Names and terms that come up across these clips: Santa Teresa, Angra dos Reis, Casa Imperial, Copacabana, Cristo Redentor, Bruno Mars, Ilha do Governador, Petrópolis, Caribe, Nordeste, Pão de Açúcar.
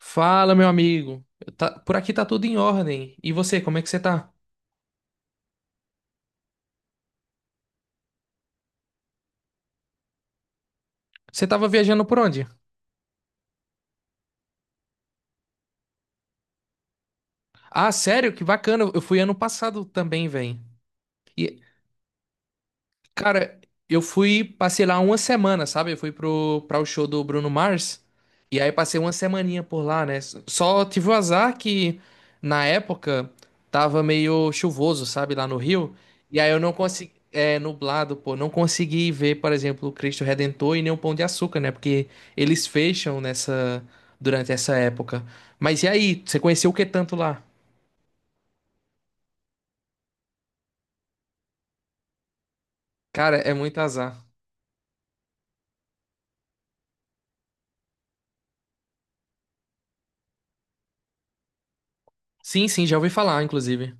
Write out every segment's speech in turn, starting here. Fala, meu amigo. Por aqui tá tudo em ordem. E você, como é que você tá? Você tava viajando por onde? Ah, sério? Que bacana. Eu fui ano passado também, velho. Cara, eu fui, passei lá uma semana, sabe? Eu fui pra o show do Bruno Mars. E aí passei uma semaninha por lá, né? Só tive o azar que na época tava meio chuvoso, sabe? Lá no Rio. E aí eu não consegui. É, nublado, pô. Não consegui ver, por exemplo, o Cristo Redentor e nem o Pão de Açúcar, né? Porque eles fecham nessa. Durante essa época. Mas e aí? Você conheceu o que tanto lá? Cara, é muito azar. Sim, sim, já ouvi falar, inclusive.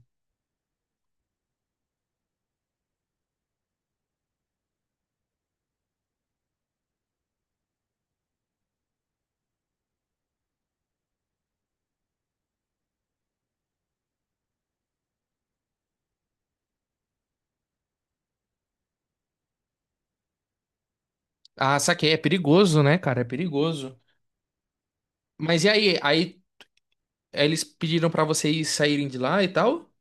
Ah, saquei. É perigoso, né, cara? É perigoso. Mas e aí? Aí eles pediram pra vocês saírem de lá e tal?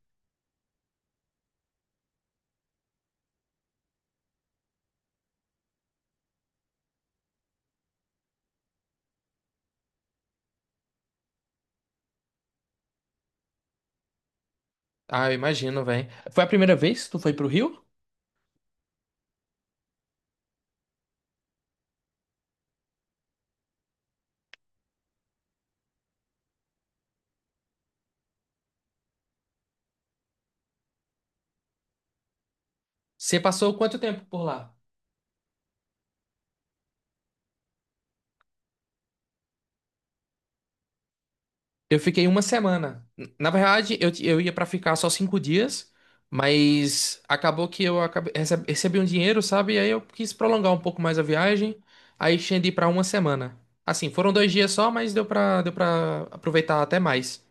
Ah, eu imagino, velho. Foi a primeira vez que tu foi pro Rio? Você passou quanto tempo por lá? Eu fiquei uma semana. Na verdade, eu ia pra ficar só 5 dias, mas acabou que eu acabei, recebi um dinheiro, sabe? E aí eu quis prolongar um pouco mais a viagem, aí estendi pra uma semana. Assim, foram 2 dias só, mas deu pra aproveitar até mais.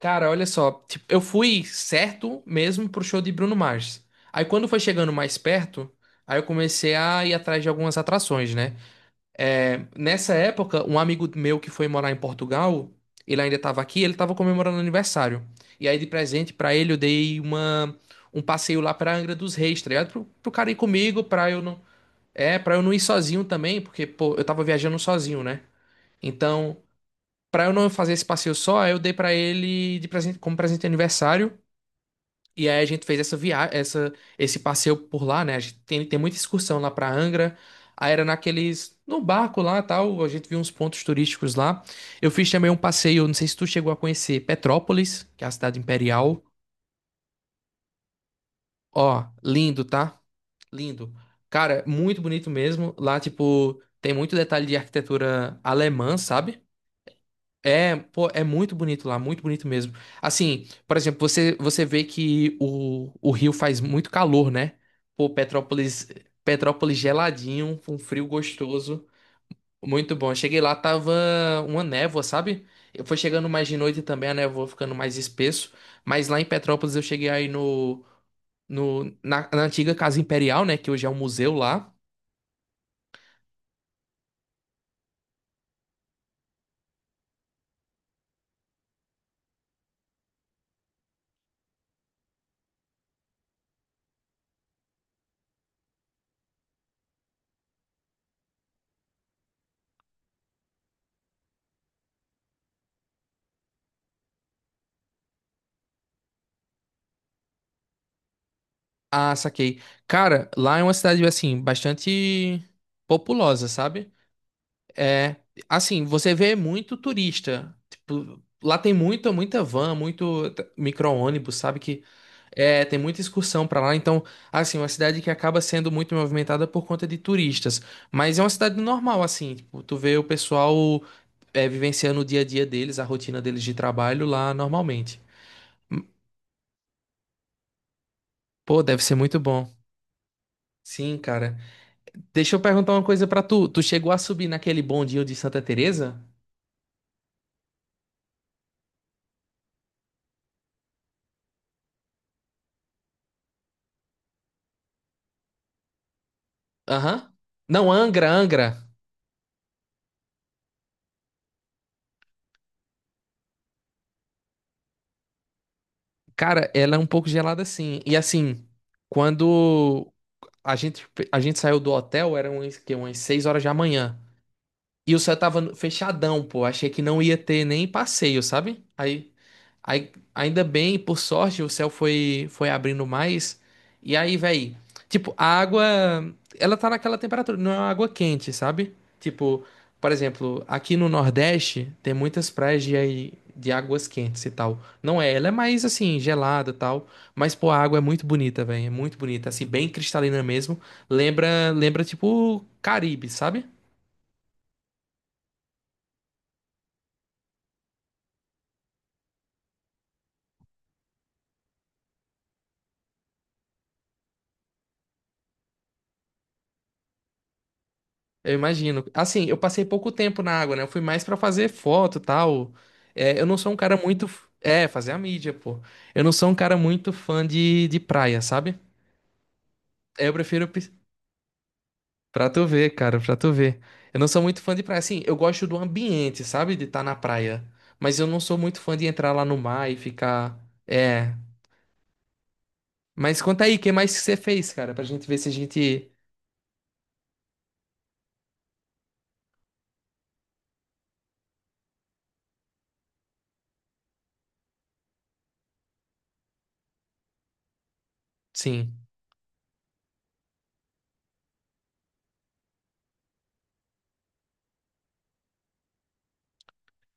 Cara, olha só, tipo, eu fui certo mesmo pro show de Bruno Mars. Aí quando foi chegando mais perto, aí eu comecei a ir atrás de algumas atrações, né? É, nessa época, um amigo meu que foi morar em Portugal, ele ainda estava aqui, ele estava comemorando aniversário. E aí, de presente pra ele, eu dei um passeio lá pra Angra dos Reis, tá ligado? Pro cara ir comigo, pra eu não. É, pra eu não ir sozinho também, porque, pô, eu tava viajando sozinho, né? Então, pra eu não fazer esse passeio só, aí eu dei pra ele de presente, como presente de aniversário, e aí a gente fez essa viagem, esse passeio por lá, né? A gente tem muita excursão lá pra Angra. Aí era naqueles, no barco lá, tal, a gente viu uns pontos turísticos lá. Eu fiz também um passeio, não sei se tu chegou a conhecer Petrópolis, que é a cidade imperial. Ó, lindo, tá? Lindo. Cara, muito bonito mesmo. Lá, tipo, tem muito detalhe de arquitetura alemã, sabe? É, pô, é muito bonito lá, muito bonito mesmo. Assim, por exemplo, você vê que o Rio faz muito calor, né? Pô, Petrópolis geladinho, com frio gostoso. Muito bom. Cheguei lá, tava uma névoa, sabe? Eu fui chegando mais de noite também, a névoa ficando mais espesso. Mas lá em Petrópolis eu cheguei aí no, no, na, na antiga Casa Imperial, né? Que hoje é um museu lá. Ah, saquei. Cara, lá é uma cidade, assim, bastante populosa, sabe? É, assim, você vê muito turista. Tipo, lá tem muita van, micro-ônibus, sabe que é, tem muita excursão pra lá, então, assim, uma cidade que acaba sendo muito movimentada por conta de turistas, mas é uma cidade normal assim, tipo, tu vê o pessoal vivenciando o dia a dia deles, a rotina deles de trabalho lá normalmente. Hum, Pô, deve ser muito bom. Sim, cara. Deixa eu perguntar uma coisa pra tu. Tu chegou a subir naquele bondinho de Santa Teresa? Aham. Não, Angra, Angra. Cara, ela é um pouco gelada assim. E assim, quando a gente, a gente saiu do hotel, eram umas 6 horas da manhã. E o céu tava fechadão, pô. Achei que não ia ter nem passeio, sabe? Aí, ainda bem, por sorte, o céu foi abrindo mais. E aí, véi, tipo, a água, ela tá naquela temperatura, não é uma água quente, sabe? Tipo, por exemplo, aqui no Nordeste tem muitas praias de águas quentes e tal. Não é, ela é mais assim, gelada e tal. Mas, pô, a água é muito bonita, véi. É muito bonita, assim, bem cristalina mesmo. Lembra, tipo, Caribe, sabe? Eu imagino. Assim, eu passei pouco tempo na água, né? Eu fui mais pra fazer foto e tal. É, eu não sou um cara muito, fazer a mídia, pô. Eu não sou um cara muito fã de praia, sabe? É, eu prefiro. Pra tu ver, cara, pra tu ver. Eu não sou muito fã de praia. Assim, eu gosto do ambiente, sabe? De estar na praia. Mas eu não sou muito fã de entrar lá no mar e ficar. É. Mas conta aí, o que mais que você fez, cara? Pra gente ver se a gente. Sim.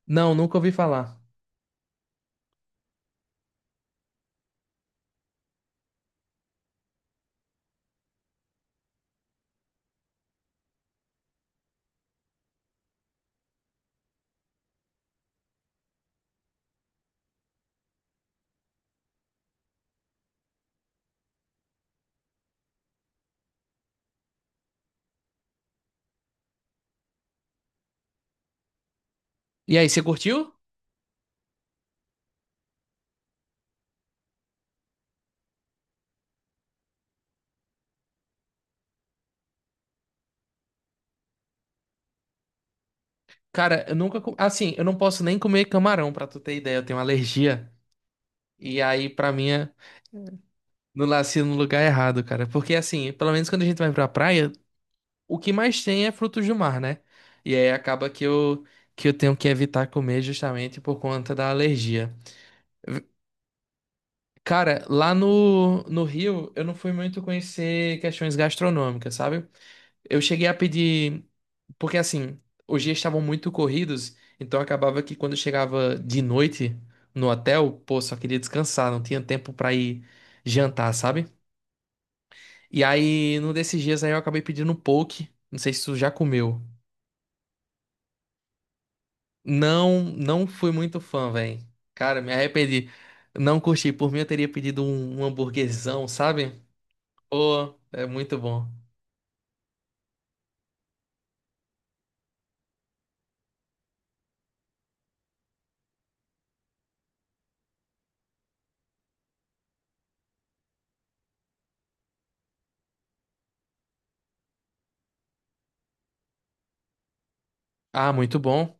Não, nunca ouvi falar. E aí, você curtiu? Cara, eu nunca. Assim, eu não posso nem comer camarão, pra tu ter ideia. Eu tenho alergia. E aí, pra mim, é no nasci no lugar errado, cara. Porque, assim, pelo menos quando a gente vai pra praia, o que mais tem é frutos do mar, né? E aí acaba que que eu tenho que evitar comer justamente por conta da alergia. Cara, lá no Rio, eu não fui muito conhecer questões gastronômicas, sabe? Eu cheguei a pedir, porque assim, os dias estavam muito corridos, então acabava que quando eu chegava de noite no hotel, pô, só queria descansar, não tinha tempo pra ir jantar, sabe? E aí, num desses dias aí eu acabei pedindo um poke, não sei se tu já comeu. Não, não fui muito fã, velho. Cara, me arrependi. Não curti, por mim eu teria pedido um hamburguesão, sabe? Pô, é muito bom. Ah, muito bom.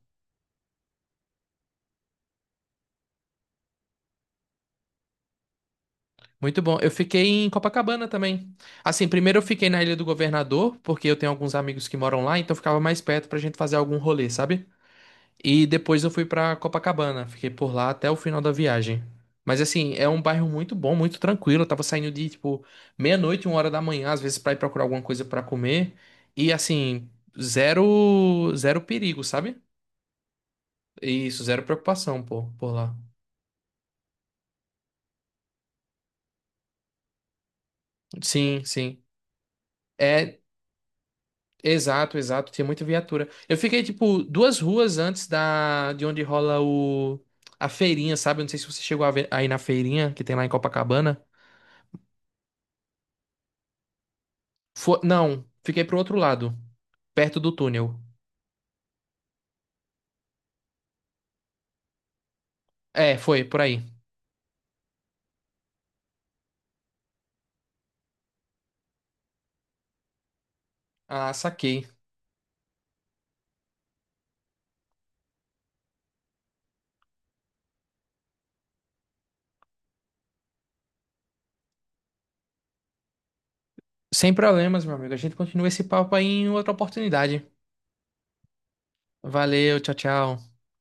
Muito bom. Eu fiquei em Copacabana também. Assim, primeiro eu fiquei na Ilha do Governador, porque eu tenho alguns amigos que moram lá, então ficava mais perto pra gente fazer algum rolê, sabe? E depois eu fui pra Copacabana, fiquei por lá até o final da viagem. Mas assim, é um bairro muito bom, muito tranquilo. Eu tava saindo de tipo meia-noite, 1 hora da manhã, às vezes pra ir procurar alguma coisa pra comer. E assim, zero zero perigo, sabe? Isso, zero preocupação, pô, por lá. Sim, sim. É, Exato, exato, tinha muita viatura. Eu fiquei, tipo, duas ruas antes da de onde rola o a feirinha, sabe? Eu não sei se você chegou a ver aí na feirinha que tem lá em Copacabana. Não, fiquei pro outro lado, perto do túnel. É, foi, por aí. Ah, saquei. Sem problemas, meu amigo. A gente continua esse papo aí em outra oportunidade. Valeu, tchau, tchau.